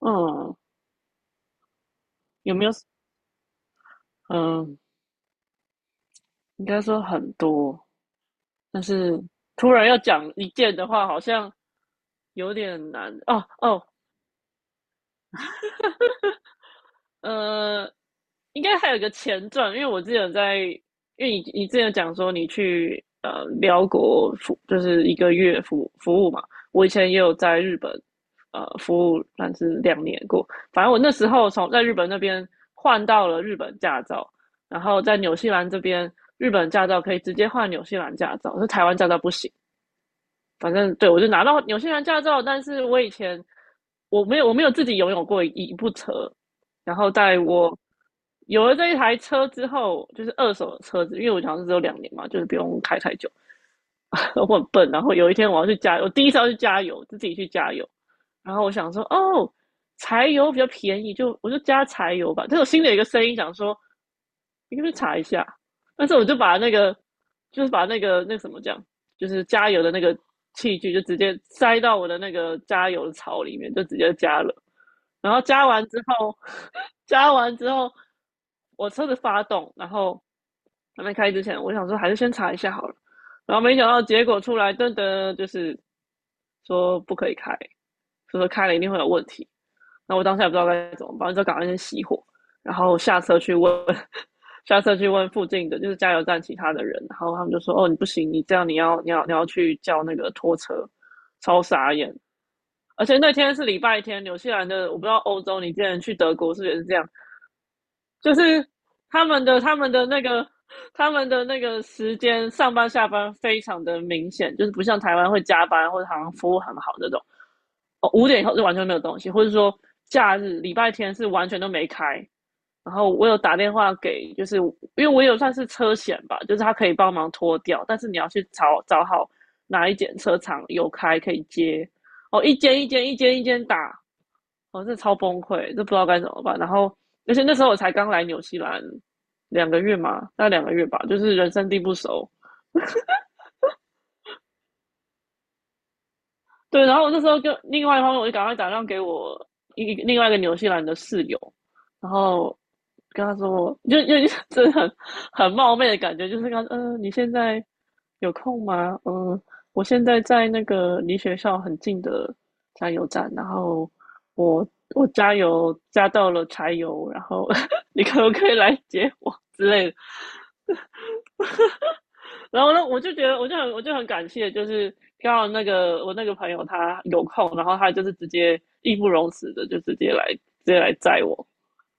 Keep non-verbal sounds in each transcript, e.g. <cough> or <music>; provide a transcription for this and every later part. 嗯，有没有？嗯，应该说很多，但是突然要讲一件的话，好像有点难。哦哦，呃，应该还有一个前传，因为你之前讲说你去辽国服，就是一个月服务嘛。我以前也有在日本服务，但是两年过。反正我那时候从在日本那边换到了日本驾照，然后在纽西兰这边，日本驾照可以直接换纽西兰驾照，是台湾驾照不行。反正对我就拿到纽西兰驾照，但是我以前我没有自己拥有过一部车，然后在我有了这一台车之后，就是二手的车子，因为我好像是只有两年嘛，就是不用开太久。<laughs> 我很笨，然后有一天我要去加油，我第一次要去加油，就自己去加油，然后我想说哦，柴油比较便宜，就我就加柴油吧。但我心里有一个声音想说，你可不可以查一下？但是我就把那个就是把那个什么讲，就是加油的那个器具，就直接塞到我的那个加油槽里面，就直接加了。然后加完之后，<laughs> 加完之后，我车子发动，然后还没开之前，我想说还是先查一下好了。然后没想到结果出来，噔噔，就是说不可以开，所以说开了一定会有问题。那我当下也不知道该怎么办，就赶快先熄火，然后下车去问，<laughs> 下车去问附近的就是加油站其他的人，然后他们就说：“哦，你不行，你这样你要去叫那个拖车。”超傻眼。而且那天是礼拜天，纽西兰的，我不知道欧洲，你之前去德国是不是也是这样？就是他们的他们的那个他们的那个时间上班下班非常的明显，就是不像台湾会加班或者好像服务很好那种。哦，5点以后就完全没有东西，或者说假日礼拜天是完全都没开。然后我有打电话给，就是因为我有算是车险吧，就是他可以帮忙拖掉，但是你要去找找好哪一间车厂有开可以接。哦，一间一间一间一间打，我是超崩溃，就不知道该怎么办。然后，而且那时候我才刚来纽西兰两个月嘛，大概两个月吧，就是人生地不熟，对，然后我那时候就另外一方面，我就赶快打电话给我另外一个纽西兰的室友，然后跟他说，就 <laughs> 真的很冒昧的感觉，就是跟他说，你现在有空吗？我现在在那个离学校很近的加油站，然后我我加油加到了柴油，然后 <laughs> 你可不可以来接我之类的？然后呢，我就觉得，我就很感谢，就是刚好那个我那个朋友他有空，然后他就是直接义不容辞的，就直接来，直接来载我。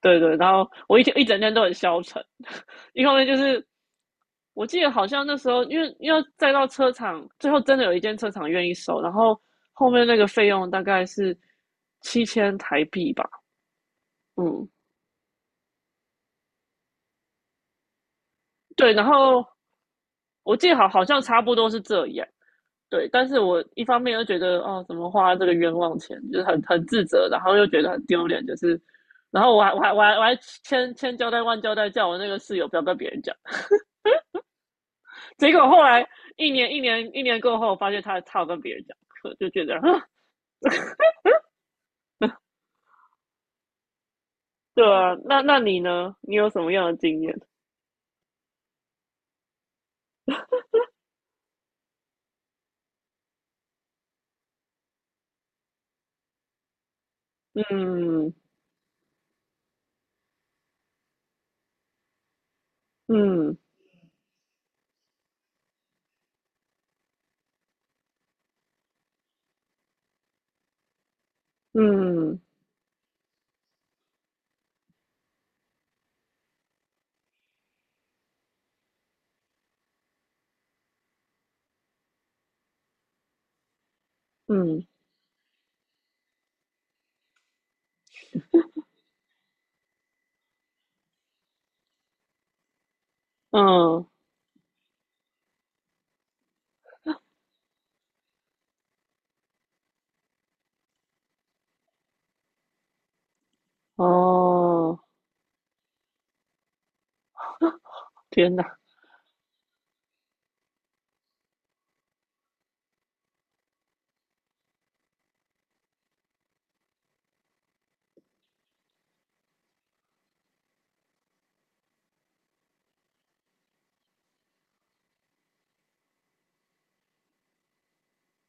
对对，然后我一天一整天都很消沉，<laughs> 一方面就是我记得好像那时候，因为载到车厂，最后真的有一间车厂愿意收，然后后面那个费用大概是7000台币吧，嗯，对，然后我记得好像差不多是这样，对，但是我一方面又觉得，哦，怎么花这个冤枉钱，就是很自责，然后又觉得很丢脸，就是，然后我还千千交代万交代，叫我那个室友不要跟别人讲。结果后来一年一年一年过后，我发现他有跟别人讲就觉得，<laughs> 对啊，那你呢？你有什么样的经验？嗯嗯嗯嗯嗯，哦，天哪，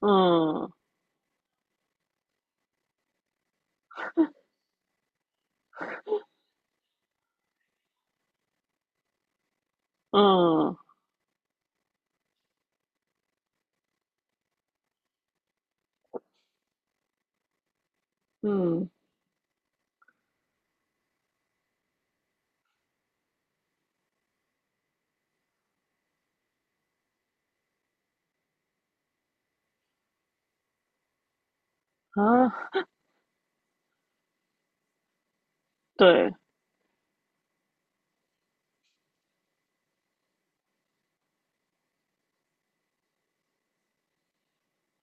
嗯嗯嗯啊，对，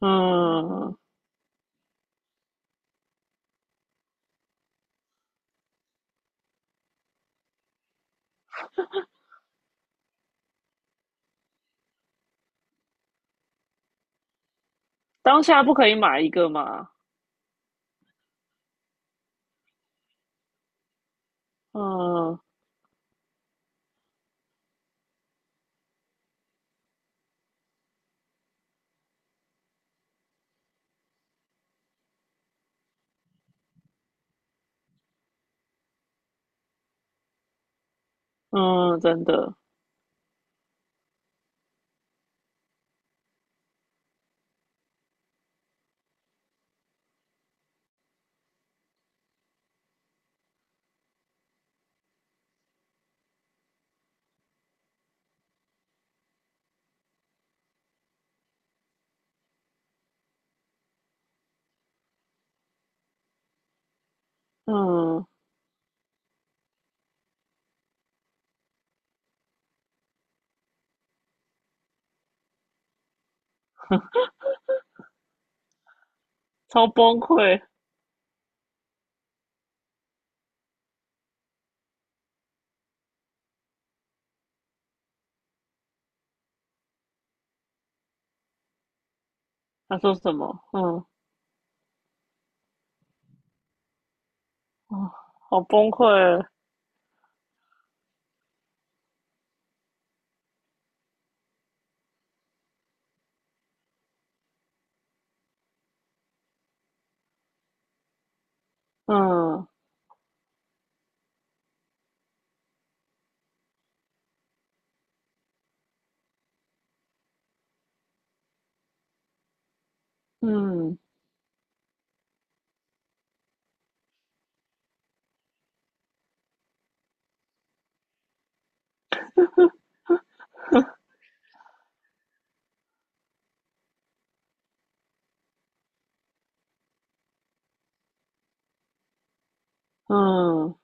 嗯。当下不可以买一个嘛？嗯嗯，真的，嗯，超崩溃。他说什么？嗯啊，好崩溃。嗯嗯嗯，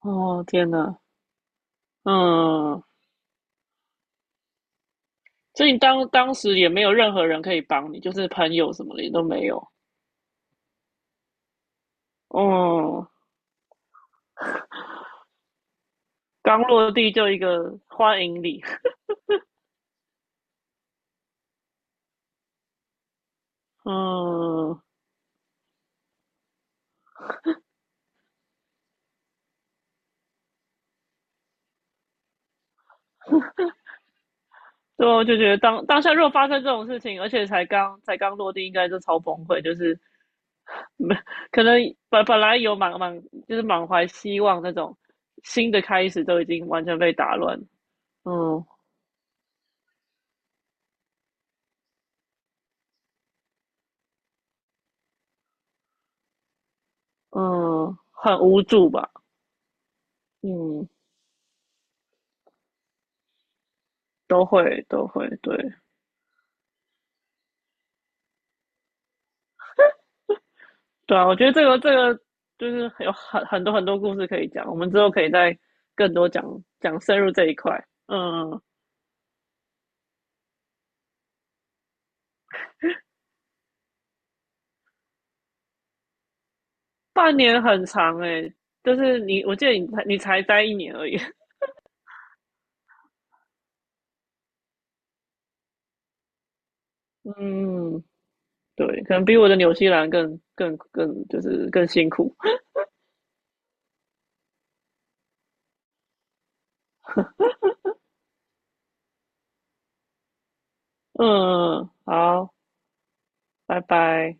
哦天哪，嗯，所以你当时也没有任何人可以帮你，就是朋友什么的也都没有。嗯，刚落地就一个欢迎礼。嗯，对啊我就觉得当下如果发生这种事情，而且才刚落地，应该就超崩溃，就是 <laughs> 没可能本来有满满就是满怀希望那种新的开始，都已经完全被打乱。嗯嗯，很无助吧？嗯，都会都会，对对啊，我觉得这个就是有很多很多故事可以讲，我们之后可以再更多讲讲深入这一块。嗯，半年很长诶、欸就是你，我记得你才待一年而已。嗯，<laughs> 对，可能比我的纽西兰更就是更辛苦。嗯，好，拜拜。